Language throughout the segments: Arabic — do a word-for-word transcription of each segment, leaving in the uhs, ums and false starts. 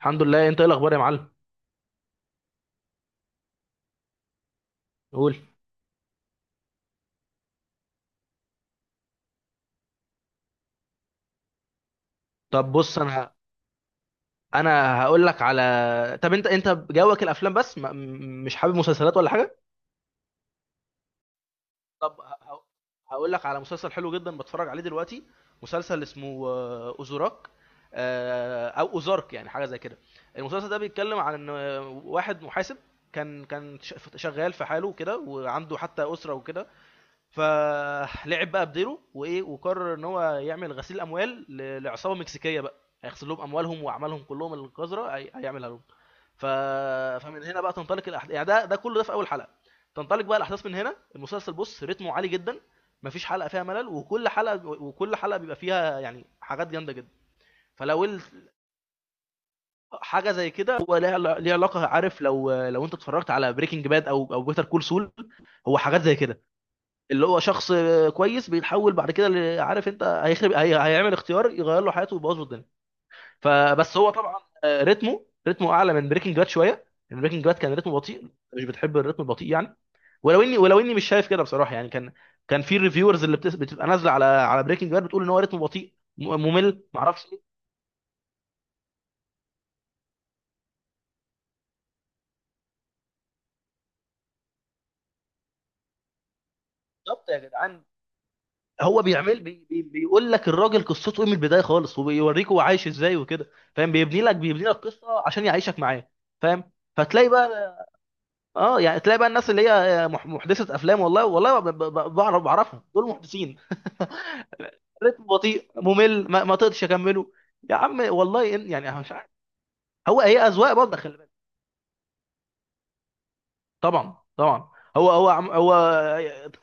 الحمد لله، انت ايه الاخبار يا معلم؟ قول. طب بص انا انا هقول لك على، طب انت انت جوك الافلام بس ما... م- مش حابب مسلسلات ولا حاجه. طب ه... هقول لك على مسلسل حلو جدا بتفرج عليه دلوقتي. مسلسل اسمه آه، اوزوراك. آه، او اوزارك، يعني حاجه زي كده. المسلسل ده بيتكلم عن ان آه، واحد محاسب كان كان ش- شغال في حاله كده، وعنده حتى اسره وكده، فلعب بقى بديره وايه، وقرر ان هو يعمل غسيل اموال ل- لعصابه مكسيكيه بقى، هيغسل لهم اموالهم واعمالهم كلهم القذره، هي- هيعملها لهم. ف... فمن هنا بقى تنطلق الاحداث، يعني ده ده كله، ده في اول حلقه. تنطلق بقى الاحداث من هنا. المسلسل بص رتمه عالي جدا، مفيش حلقه فيها ملل، وكل حلقه وكل حلقه بيبقى فيها يعني حاجات جامده جدا. فلو ال- حاجه زي كده هو ليها ليها علاقه، عارف لو لو انت اتفرجت على بريكنج باد او او بيتر كول سول، هو حاجات زي كده. اللي هو شخص كويس بيتحول بعد كده ل- عارف انت هيخرب، هي... هيعمل اختيار يغير له حياته ويبوظ له الدنيا. فبس هو طبعا آه، رتمه رتمه اعلى من بريكنج باد شويه. بريكنج باد كان رتمه بطيء. مش بتحب الرتم البطيء يعني؟ ولو اني ولو اني مش شايف كده بصراحه، يعني كان كان في الريفيورز اللي بتس... بتبقى نازله على على بريكنج باد بتقول ان هو رتمه بطيء، م- ممل، معرفش ايه. بالظبط يا جدعان. هو بيعمل بي... بي... بيقول لك الراجل قصته ايه من البدايه خالص، وبيوريك هو عايش ازاي وكده، فاهم، بيبني لك بيبني لك قصه عشان يعيشك معاه. فاهم. فتلاقي بقى، اه يعني تلاقي بقى الناس اللي هي آه، مح- محدثه افلام، والله والله ب- ب- بعرف بعرفهم دول محدثين. رتم بطيء ممل، ما, ما تقدرش اكمله، يا عم والله إن يعني أنا مش عارف. هو هي اذواق برضه، خلي بالك. طبعا، طبعا. هو هو عم- هو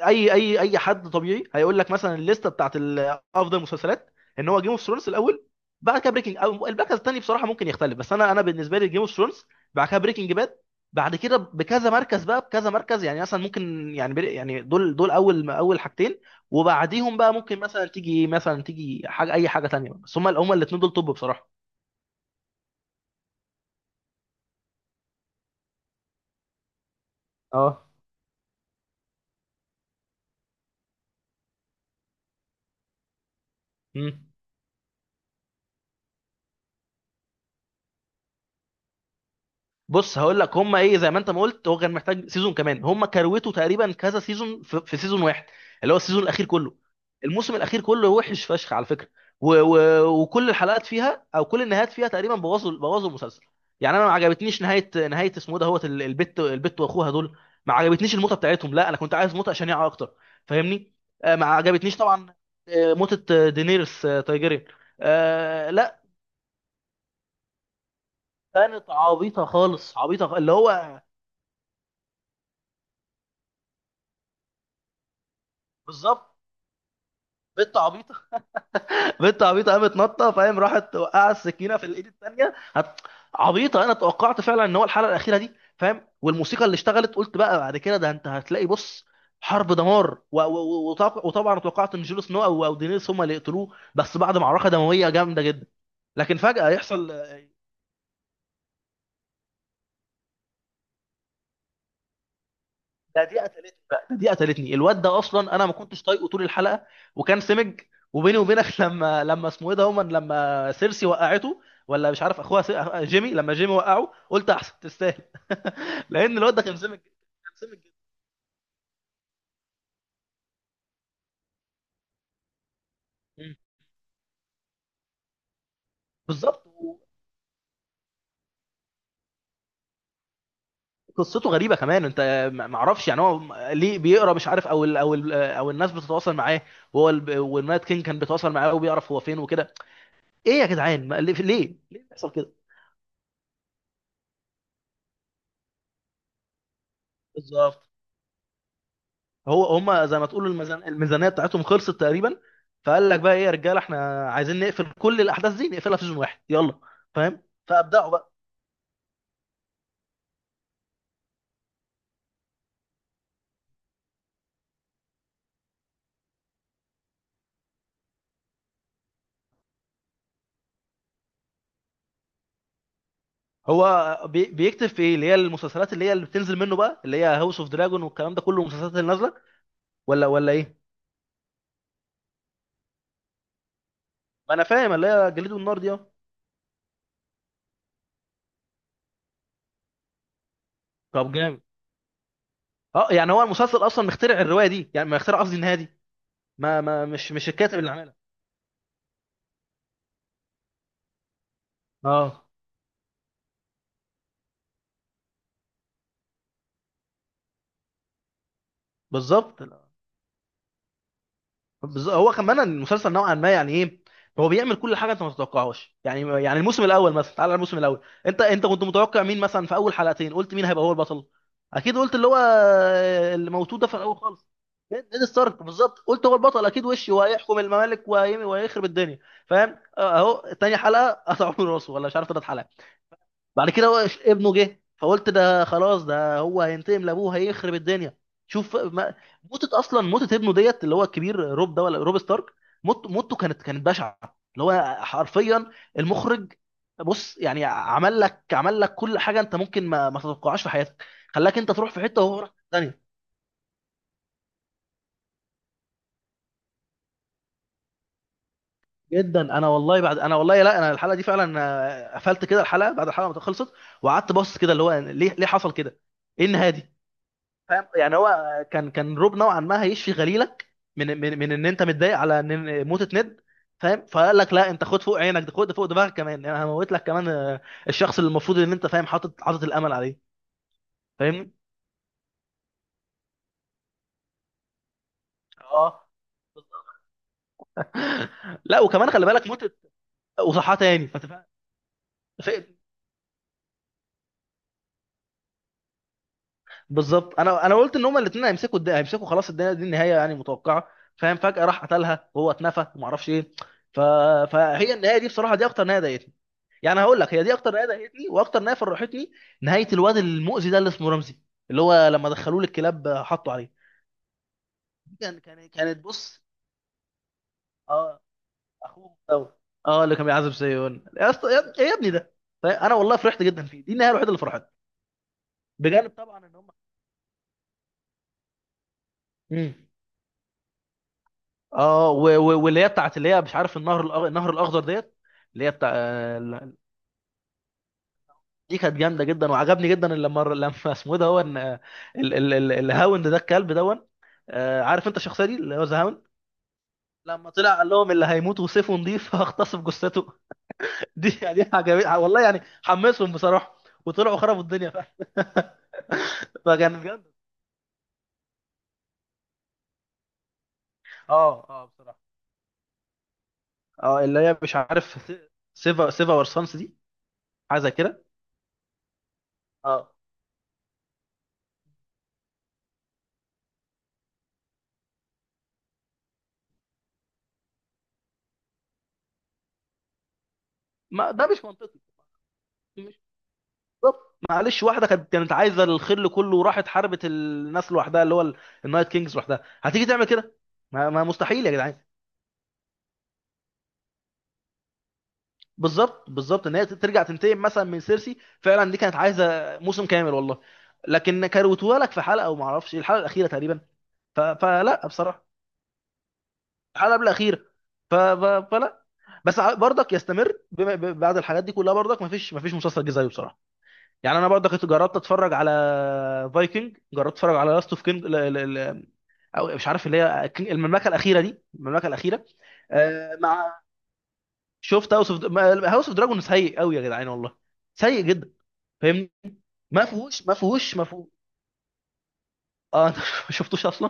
اي اي اي حد طبيعي هيقول لك مثلا الليسته بتاعت ال- افضل المسلسلات، ان هو جيم اوف ثرونز الاول، بعد كده بريكنج، او المركز الثاني بصراحه ممكن يختلف، بس انا انا بالنسبه لي جيم اوف ثرونز، بعد كده بريكنج باد، بعد كده بكذا مركز بقى بكذا مركز، يعني مثلا ممكن يعني بري- يعني دول دول اول اول حاجتين. وبعديهم بقى ممكن مثلا تيجي مثلا تيجي حاجه، اي حاجه ثانيه، بس هم هم الاثنين دول توب بصراحه. اه. مم. بص هقول لك هم ايه، زي ما انت ما قلت هو كان محتاج سيزون كمان، هم كروته تقريبا كذا سيزون في, في سيزون واحد، اللي هو السيزون الاخير كله، الموسم الاخير كله وحش فشخ على فكره. و و وكل الحلقات فيها او كل النهايات فيها تقريبا بوظوا بوظوا المسلسل. يعني انا ما عجبتنيش نهايه نهايه اسمه إيه ده، هوت ال- البت البت واخوها دول، ما عجبتنيش الموتة بتاعتهم، لا انا كنت عايز موتة شنيعه اكتر، فاهمني؟ آه، ما عجبتنيش طبعا. آه، موتة آه، دينيرس آه، تايجيريان، آه، لا. كانت عبيطه خالص، عبيطه خ- اللي هو، بالظبط. بنت عبيطه. بنت عبيطه قامت نطه، فاهم، راحت وقعت السكينه في الايد الثانيه، هت... عبيطه. انا توقعت فعلا ان هو الحلقه الاخيره دي، فاهم، والموسيقى اللي اشتغلت قلت بقى بعد كده ده انت هتلاقي، بص، حرب دمار، و... و... وطبع- وطبعا توقعت ان جون سنو او او دينيريس هم اللي يقتلوه، بس بعد معركه دمويه جامده جدا. لكن فجاه يحصل. ده دي قتلتني بقى ده دي قتلتني، الواد ده اصلا انا ما كنتش طايقه طول الحلقه، وكان سمج. وبيني وبينك لما لما اسمه ايه ده، هما لما سيرسي وقعته، ولا مش عارف اخوها، سي... جيمي، لما جيمي وقعه قلت احسن تستاهل، لان الواد ده كان سمج جدا. كان سمج جدا. مم. بالظبط. قصته غريبه كمان انت. ما ما اعرفش يعني، هو ليه بيقرا مش عارف، او ال او ال او الناس بتتواصل معاه، وهو ال- والنايت كينج كان بيتواصل معاه وبيعرف هو فين وكده. ايه يا جدعان؟ ما- ليه ليه ليه بيحصل كده؟ بالظبط. هو هم زي ما تقول الميزان الميزانيه بتاعتهم خلصت تقريبا، فقال لك بقى: ايه يا رجاله، احنا عايزين نقفل كل الاحداث دي، نقفلها في سيزون واحد، يلا. فاهم، فابدعوا بقى. هو بي- بيكتب في ايه اللي هي المسلسلات اللي هي اللي بتنزل منه بقى، اللي هي هاوس اوف دراجون والكلام ده كله، المسلسلات اللي نازله، ولا ولا ايه؟ ما انا فاهم، اللي هي جليد والنار دي، اه. طب جامد. اه يعني هو المسلسل اصلا مخترع الروايه دي، يعني مخترع، قصدي النهايه دي، ما ما مش مش الكاتب اللي عاملها؟ اه، بالظبط. بز- هو كمان المسلسل نوعا ما، يعني ايه، هو بيعمل كل حاجه انت ما تتوقعهاش، يعني يعني الموسم الاول مثلا، تعال على الموسم الاول. انت انت كنت متوقع مين مثلا في اول حلقتين، قلت مين هيبقى هو البطل؟ اكيد قلت اللي هو اللي موجود ده في الاول خالص، نيد ستارك، بالظبط قلت هو البطل اكيد وشي، وهيحكم الممالك، وهي- وهيخرب الدنيا. فاهم، اهو تاني حلقه قطعوا له راسه، ولا مش عارف، ثلاث حلقات. بعد كده هو ش- ابنه جه، فقلت ده خلاص ده هو هينتقم لابوه، هيخرب الدنيا. شوف ما. موتة اصلا، موتة ابنه ديت اللي هو الكبير روب ده، ولا روب ستارك، موت موته كانت كانت بشعة، اللي هو حرفيا المخرج بص، يعني عمل لك عمل لك كل حاجة انت ممكن ما, ما تتوقعهاش في حياتك، خلاك انت تروح في حتة وهو راح في ثانية. جدا، انا والله بعد، انا والله، لا انا الحلقة دي فعلا آه، قفلت كده، الحلقة بعد الحلقة ما خلصت، وقعدت بص كده، اللي هو ليه ليه حصل كده؟ ايه النهاية دي؟ فاهم يعني هو كان كان روب نوعا ما هيشفي غليلك، من من من ان انت متضايق على ان إن موتة نيد. فاهم، فقال لك لا انت، خد فوق عينك ده، خد فوق دماغك كمان، انا هموت لك كمان آه، الشخص اللي المفروض ان انت فاهم حاطط حاطط الامل عليه. فاهمني؟ اه. لا، وكمان خلي بالك موتة، وصحاه تاني. فت- بالظبط، انا انا قلت ان هما الاثنين هيمسكوا الد... هيمسكوا خلاص الدنيا دي، النهايه يعني متوقعه. فاهم، فجاه راح قتلها وهو اتنفى وما اعرفش ايه. ف... فهي النهايه دي بصراحه، دي اكتر نهايه ضايقتني. يعني هقول لك هي دي اكتر نهايه ضايقتني، واكتر نهايه فرحتني: نهايه الواد المؤذي ده اللي اسمه رمزي، اللي هو لما دخلوه للكلاب حطوا عليه. دي كان كان كانت بص، اه، اخوه دوت. اه، اللي كان بيعذب سيون يا اسطى، يا يا ابني ده. طيب انا والله فرحت جدا فيه، دي النهايه الوحيده اللي فرحتني، بجانب طبعا ان هم. مم. اه، و- و- واللي هي بتاعت اللي هي مش عارف، النهر الأخ- النهر الاخضر ديت، اللي هي بتاع آه، دي كانت جامده جدا، وعجبني جدا إن لما لما اسمه ده هو، إن، آه، ال- ال- ال- الهاوند ده الكلب دون، آه، عارف انت الشخصيه دي اللي هو ذا هاوند، لما طلع قال لهم: اللي هيموت وسيفه نضيف هغتصب جثته. دي دي عجبتني والله، يعني حمسهم بصراحه، وطلعوا خربوا الدنيا فعلا. فكانت جامده. اه، اه، بصراحه، اه، اللي هي مش عارف، سيفا سيفا ورسانس دي، حاجه زي كده. اه، ما ده مش منطقي. بالظبط، معلش، واحده كانت كانت عايزه الخل كله وراحت حاربت الناس لوحدها، اللي هو ال- النايت كينجز لوحدها، هتيجي تعمل كده؟ ما, ما مستحيل يا جدعان. بالظبط، بالظبط ان هي ترجع تنتقم مثلا من سيرسي فعلا، دي كانت عايزه موسم كامل والله، لكن كروتوها لك في حلقه، وما اعرفش الحلقه الاخيره تقريبا. ف... فلا بصراحه، الحلقه قبل الاخيره، ف... ف... فلا. بس ع- برضك يستمر بما... ب... بعد الحاجات دي كلها، برضك ما فيش ما فيش مسلسل جه زيه بصراحه. يعني انا برضك جربت اتفرج على فايكنج، جربت اتفرج على لاست اوف كينج، او مش عارف اللي هي المملكه الاخيره دي، المملكه الاخيره. آه مع شفت هاوس اوف، هاوس اوف دراجون سيء قوي يا جدعان والله، سيء جدا، فاهمني؟ ما فيهوش، ما فيهوش، ما فيهوش. اه انت، ما شفتوش اصلا.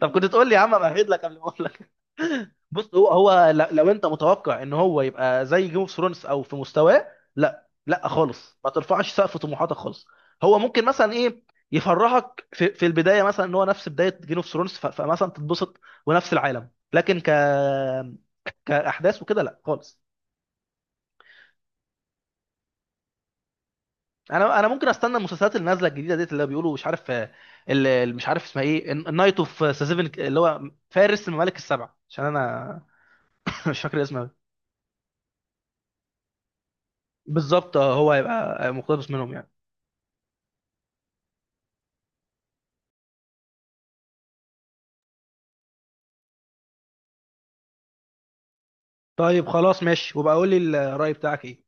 طب كنت تقول لي يا عم، امهد لك قبل ما اقول لك. بص، هو هو ل- لو انت متوقع ان هو يبقى زي جيم اوف ثرونز، او في مستواه، لا، لا، خالص ما ترفعش سقف طموحاتك خالص. هو ممكن مثلا ايه، يفرحك في, في البدايه مثلا، ان هو نفس بدايه جيم اوف ثرونز فمثلا تتبسط، ونفس العالم، لكن ك كاحداث وكده لا خالص. انا انا ممكن استنى المسلسلات اللي نازله الجديده ديت، اللي بيقولوا مش عارف، آه، اللي مش عارف اسمها ايه، النايت اوف سيفن، اللي هو فارس الممالك السبع، عشان انا مش فاكر اسمها. بالظبط، آه، هو هيبقى مقتبس منهم يعني. طيب خلاص ماشي، وبقى قول لي الرأي بتاعك ايه؟